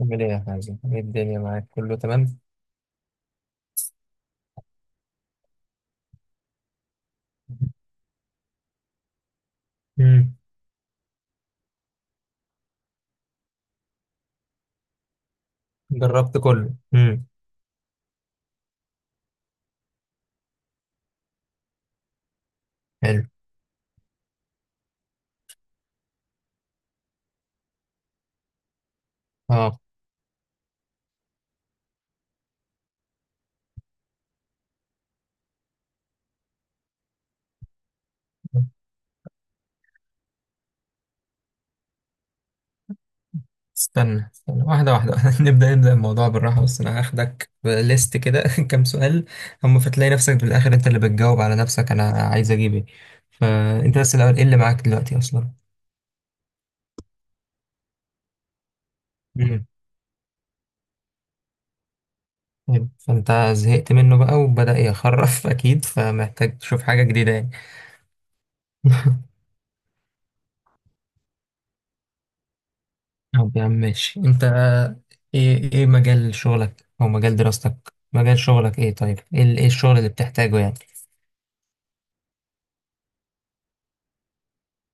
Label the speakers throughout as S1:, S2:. S1: عامل ايه يا حازم؟ ايه الدنيا معاك؟ كله تمام؟ امم جربت كله. حلو. اه، استنى واحدة واحدة نبدأ الموضوع بالراحة، بس أنا هاخدك بليست كده كام سؤال هم، فتلاقي نفسك في الآخر أنت اللي بتجاوب على نفسك، أنا عايز أجيب إيه. فأنت بس الأول، إيه اللي معاك دلوقتي أصلا؟ امم حلو. فأنت زهقت منه بقى وبدأ يخرف أكيد، فمحتاج تشوف حاجة جديدة يعني. طب يا عم ماشي، انت ايه مجال شغلك او مجال دراستك، مجال شغلك ايه؟ طيب ايه ايه الشغل اللي بتحتاجه يعني؟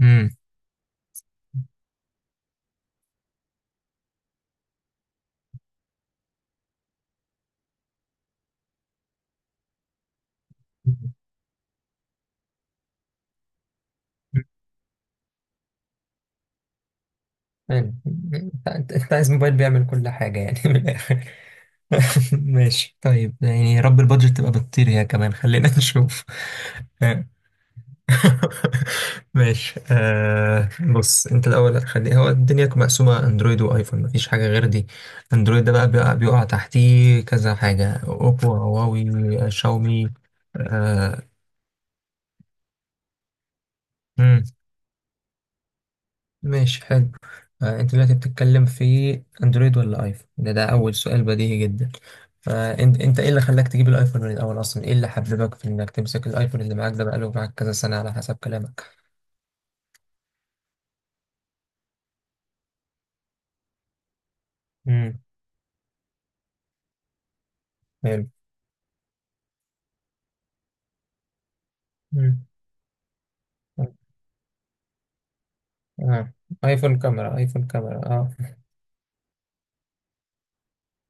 S1: امم حلو. انت عايز موبايل بيعمل كل حاجة يعني، من الاخر؟ ماشي طيب، يعني يا رب البادجت تبقى بتطير هي كمان، خلينا نشوف. ماشي آه. بص انت الاول، هتخلي هو الدنيا مقسومه اندرويد وايفون، مفيش حاجه غير دي. اندرويد ده بقى بيقع تحتيه كذا حاجه، اوبو، هواوي، آه، شاومي. آه. مم. ماشي حلو. آه، انت دلوقتي بتتكلم في اندرويد ولا ايفون؟ ده اول سؤال بديهي جدا. فانت ايه اللي خلاك تجيب الايفون من الاول اصلا، ايه اللي حببك في انك تمسك الايفون اللي معاك ده؟ بقاله معاك كذا سنه على حسب كلامك. امم حلو. مم. آه. ايفون كاميرا، ايفون كاميرا، اه.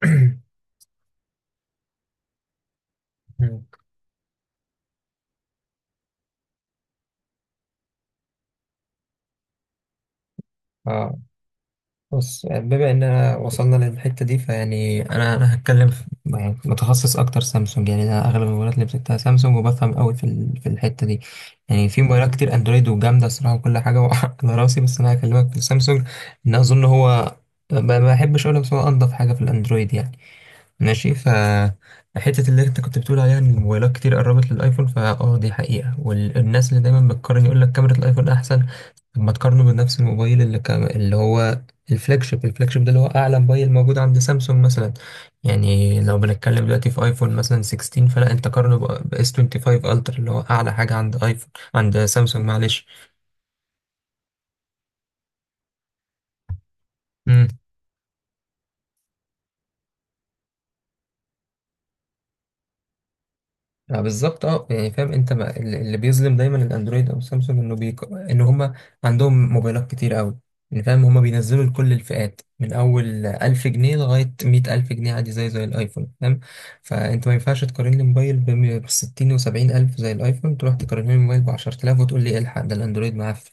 S1: مم. اه، بص بما اننا وصلنا للحته دي فيعني، انا هتكلم في- يعني متخصص اكتر سامسونج، يعني انا اغلب الموبايلات اللي مسكتها سامسونج، وبفهم قوي في في الحته دي. يعني في موبايلات كتير اندرويد وجامده الصراحه وكل حاجه على راسي، بس انا هكلمك في سامسونج، ان اظن هو، ما ما بحبش اقولها، بس هو انضف حاجه في الاندرويد يعني. ماشي ف، حتة اللي انت كنت بتقول عليها ان الموبايلات كتير قربت للايفون، فا اه دي حقيقة. والناس اللي دايما بتقارن يقول لك كاميرا الايفون احسن، طب ما تقارنه بنفس الموبايل اللي اللي هو الفلاج شيب. الفلاج شيب ده اللي هو اعلى موبايل موجود عند سامسونج مثلا. يعني لو بنتكلم دلوقتي في ايفون مثلا 16، فلا انت قارنه ب اس 25 الترا اللي هو اعلى حاجة عند ايفون، عند سامسونج، معلش. آه بالظبط، اه. يعني فاهم انت، ما اللي بيظلم دايما الاندرويد او سامسونج، انه ان هم عندهم موبايلات كتير قوي، يعني فاهم؟ هم بينزلوا لكل الفئات، من اول 1000 جنيه لغايه 100,000 جنيه عادي، زي الايفون، فاهم؟ فانت ما ينفعش تقارن لي موبايل ب 60 و70 الف زي الايفون، تروح تقارن لي موبايل ب 10,000 وتقول لي إيه الحق ده، الاندرويد معفن.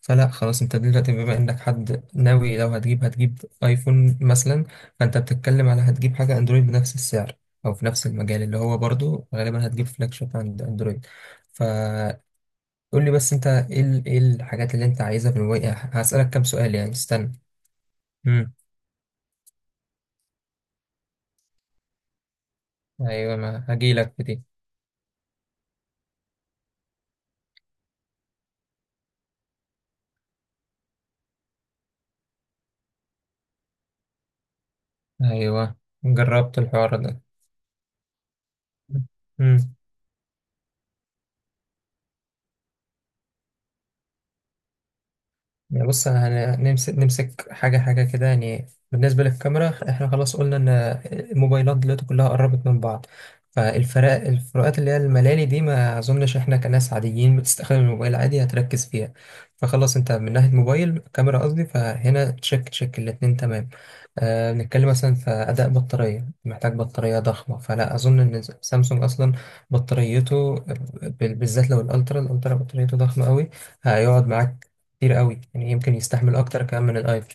S1: فلا، خلاص انت دلوقتي بما انك حد ناوي لو هتجيب هتجيب ايفون مثلا، فانت بتتكلم على هتجيب حاجه اندرويد بنفس السعر او في نفس المجال، اللي هو برضو غالبا هتجيب فلاج شيب عند اندرويد. فقول لي بس انت ايه ايه الحاجات اللي انت عايزها في الوي، هسألك كام سؤال يعني، استنى. امم ايوه، ما هجيلك في دي. ايوه، جربت الحوار ده. مم. يعني بص، انا نمسك حاجه حاجه كده يعني. بالنسبه للكاميرا، احنا خلاص قلنا ان الموبايلات دلوقتي كلها قربت من بعض، الفروقات اللي هي الملالي دي ما اظنش احنا كناس عاديين بتستخدم الموبايل عادي هتركز فيها. فخلاص انت من ناحيه موبايل، كاميرا قصدي، فهنا تشك تشك الاتنين تمام. أه، بنتكلم مثلا في اداء بطاريه، محتاج بطاريه ضخمه، فلا اظن ان سامسونج اصلا بطاريته، بالذات لو الالترا، بطاريته ضخمه قوي، هيقعد معاك كتير قوي يعني، يمكن يستحمل اكتر كمان من الايفون.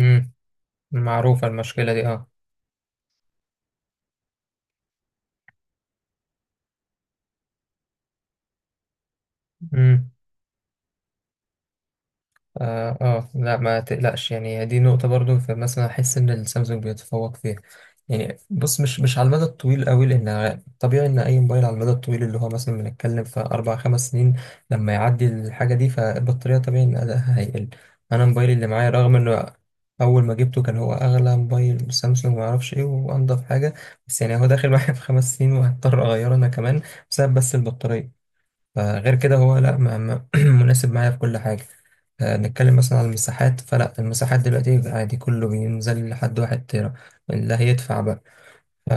S1: امم معروفة المشكلة دي اه. امم اه. آه، لا ما تقلقش، يعني دي نقطة برضو، فمثلا أحس إن السامسونج بيتفوق فيها. يعني بص، مش على المدى الطويل قوي، لأن طبيعي إن أي موبايل على المدى الطويل، اللي هو مثلا بنتكلم في أربع خمس سنين، لما يعدي الحاجة دي فالبطارية طبيعي إن أدائها هيقل. أنا موبايلي اللي معايا، رغم إنه أول ما جبته كان هو أغلى موبايل سامسونج، معرفش إيه وأنضف حاجة، بس يعني هو داخل معايا في خمس سنين وهضطر أغيره أنا كمان بسبب بس البطارية. فغير كده هو لا، مناسب معايا في كل حاجة. آه، نتكلم مثلا على المساحات، فلا المساحات دلوقتي عادي كله بينزل لحد واحد تيرا، اللي هيدفع بقى ف...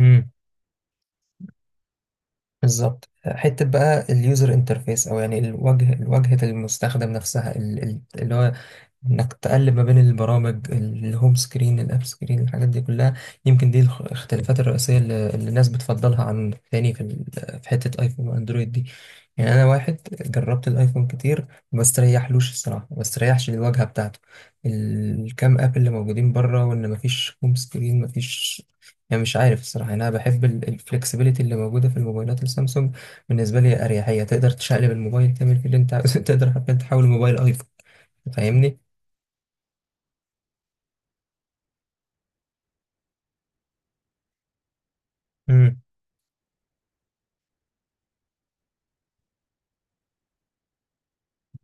S1: مم، بالظبط. حتة بقى اليوزر انترفيس، او يعني الواجهة، واجهة المستخدم نفسها، اللي هو انك تقلب ما بين البرامج، الهوم سكرين، الاب سكرين، الحاجات دي كلها، يمكن دي الاختلافات الرئيسيه اللي الناس بتفضلها عن التاني في في حته ايفون واندرويد دي. يعني انا واحد جربت الايفون كتير، ما استريحلوش الصراحه، ما استريحش للواجهه بتاعته، الكام اب اللي موجودين بره، وان ما فيش هوم سكرين ما فيش. يعني مش عارف الصراحه، يعني انا بحب الفلكسبيليتي اللي موجوده في الموبايلات السامسونج. بالنسبه لي اريحيه، تقدر تشقلب الموبايل تعمل فيه اللي انت عاوزه تقدر حتى تحول الموبايل ايفون. فاهمني. امم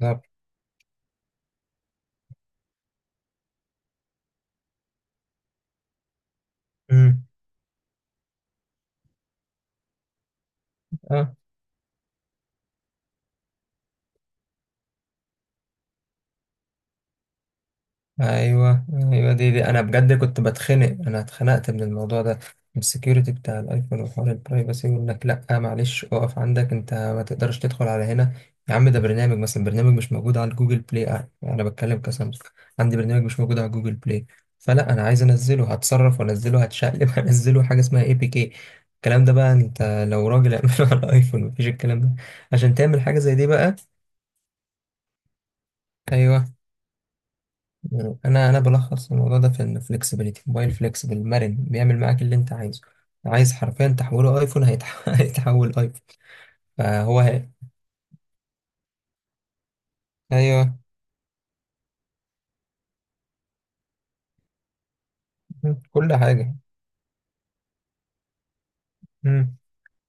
S1: طب. امم اه. ايوه. ايوه، دي انا بجد كنت بتخنق، انا اتخنقت من الموضوع ده، من السكيورتي بتاع الايفون وحوار البرايفسي، وانك لا معلش اقف عندك، انت ما تقدرش تدخل على هنا. يا عم ده برنامج، مثلا برنامج مش موجود على جوجل بلاي، آه، انا بتكلم كسامسونج، عندي برنامج مش موجود على جوجل بلاي فلا، انا عايز انزله هتصرف وانزله، هتشقلب هنزله حاجه اسمها اي بي كي. الكلام ده بقى انت لو راجل اعمله على الايفون مفيش الكلام ده، عشان تعمل حاجه زي دي بقى. ايوه، انا بلخص الموضوع ده في ان فليكسبيليتي، موبايل فليكسبل مرن بيعمل معاك اللي انت عايزه، عايز حرفيا تحوله ايفون، هيتحول ايفون. فهو هي. ايوه. مم. كل حاجه. مم.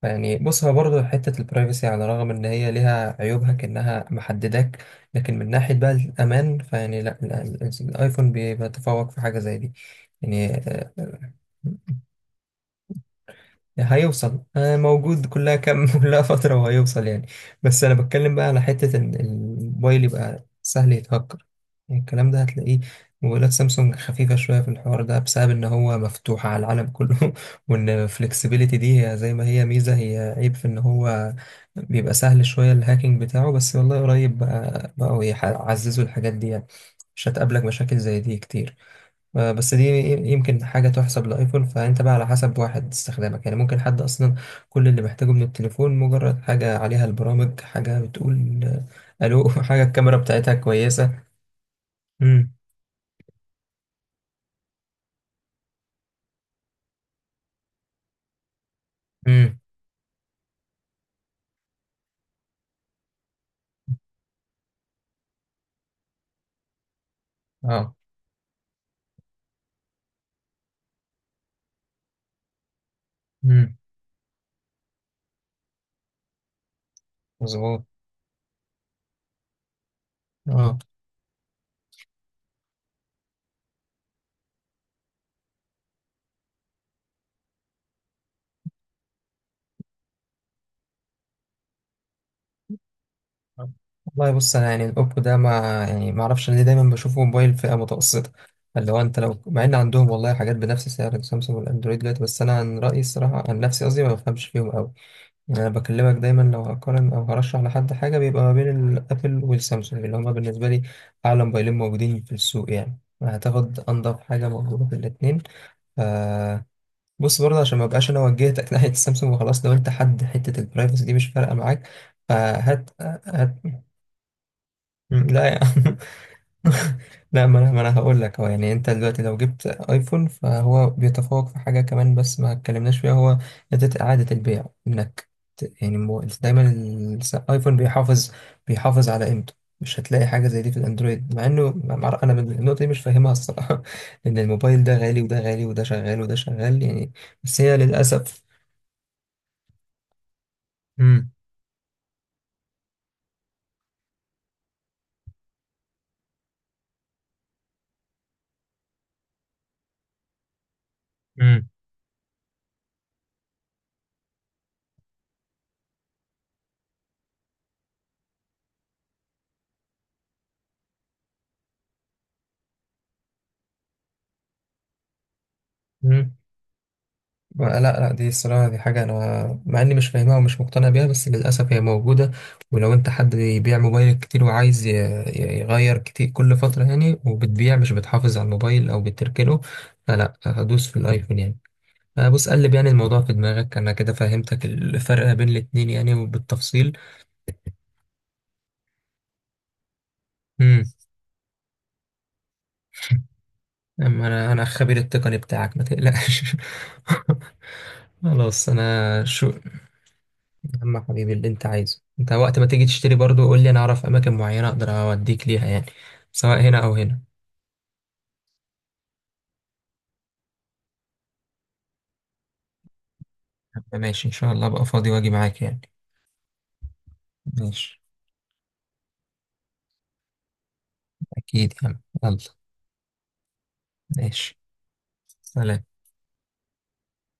S1: يعني بص، هو برضه حته البرايفسي، على الرغم ان هي ليها عيوبها كانها محدداك، لكن من ناحيه بقى الامان فيعني لا، الايفون بيتفوق في حاجه زي دي. يعني آه، هيوصل آه، موجود، كلها كام كلها فترة وهيوصل يعني. بس أنا بتكلم بقى على حتة إن الموبايل يبقى سهل يتهكر، يعني الكلام ده هتلاقيه، موبايلات سامسونج خفيفة شوية في الحوار ده، بسبب إن هو مفتوح على العالم كله وإن الفلكسبيليتي دي هي زي ما هي ميزة، هي عيب في إن هو بيبقى سهل شوية، الهاكينج بتاعه، بس والله قريب بقى بقوا يعززوا الحاجات دي يعني، مش هتقابلك مشاكل زي دي كتير. آه، بس دي يمكن حاجة تحسب لأيفون. فأنت بقى على حسب واحد استخدامك يعني، ممكن حد أصلا كل اللي محتاجه من التليفون مجرد حاجة عليها البرامج، حاجة بتقول آه، ألو حاجة الكاميرا بتاعتها كويسة. امم امم اه. امم مظبوط. اه والله، بص انا يعني الاوبو ده ما، يعني ما اعرفش ليه دايما بشوفه موبايل فئه متوسطه، اللي هو انت لو، مع ان عندهم والله حاجات بنفس سعر السامسونج والاندرويد دلوقتي، بس انا عن رايي الصراحه، عن نفسي قصدي، ما بفهمش فيهم قوي. انا بكلمك دايما لو هقارن او هرشح لحد حاجه بيبقى ما بين الابل والسامسونج، اللي هما بالنسبه لي اعلى موبايلين موجودين في السوق، يعني هتاخد انضف حاجه موجوده في الاتنين. ف بص برضه عشان ما بقاش انا وجهتك ناحيه السامسونج وخلاص، لو انت حد حته البرايفسي دي مش فارقه معاك، فهات هات. لا يا عم، لا ما انا هقول لك هو يعني، انت دلوقتي لو جبت ايفون فهو بيتفوق في حاجه كمان بس ما اتكلمناش فيها، هو إعادة البيع، إنك دايما الآيفون بيحافظ على قيمته، مش هتلاقي حاجة زي دي في الأندرويد، مع إنه أنا من النقطة دي مش فاهمها الصراحة إن الموبايل ده غالي وده غالي وده شغال وده شغال يعني، بس هي للأسف. مم. مم. لا لا، دي الصراحة دي حاجة أنا مع إني مش فاهمها ومش مقتنع بيها، بس للأسف هي موجودة. ولو أنت حد بيبيع موبايل كتير وعايز يغير كتير كل فترة يعني، وبتبيع مش بتحافظ على الموبايل أو بتركنه، فلا هدوس في الأيفون يعني. أه بص، قلب يعني الموضوع في دماغك، أنا كده فهمتك الفرق بين الاتنين يعني، وبالتفصيل. مم. أما أنا، الخبير التقني بتاعك ما تقلقش. خلاص أنا شو. يا عم حبيبي اللي انت عايزه، انت وقت ما تيجي تشتري برضو قول لي، انا اعرف اماكن معينة اقدر اوديك ليها يعني، سواء هنا او هنا. طب ماشي ان شاء الله، ابقى فاضي واجي معاك يعني. ماشي، اكيد يا عم، يلا. ماشي. سلام.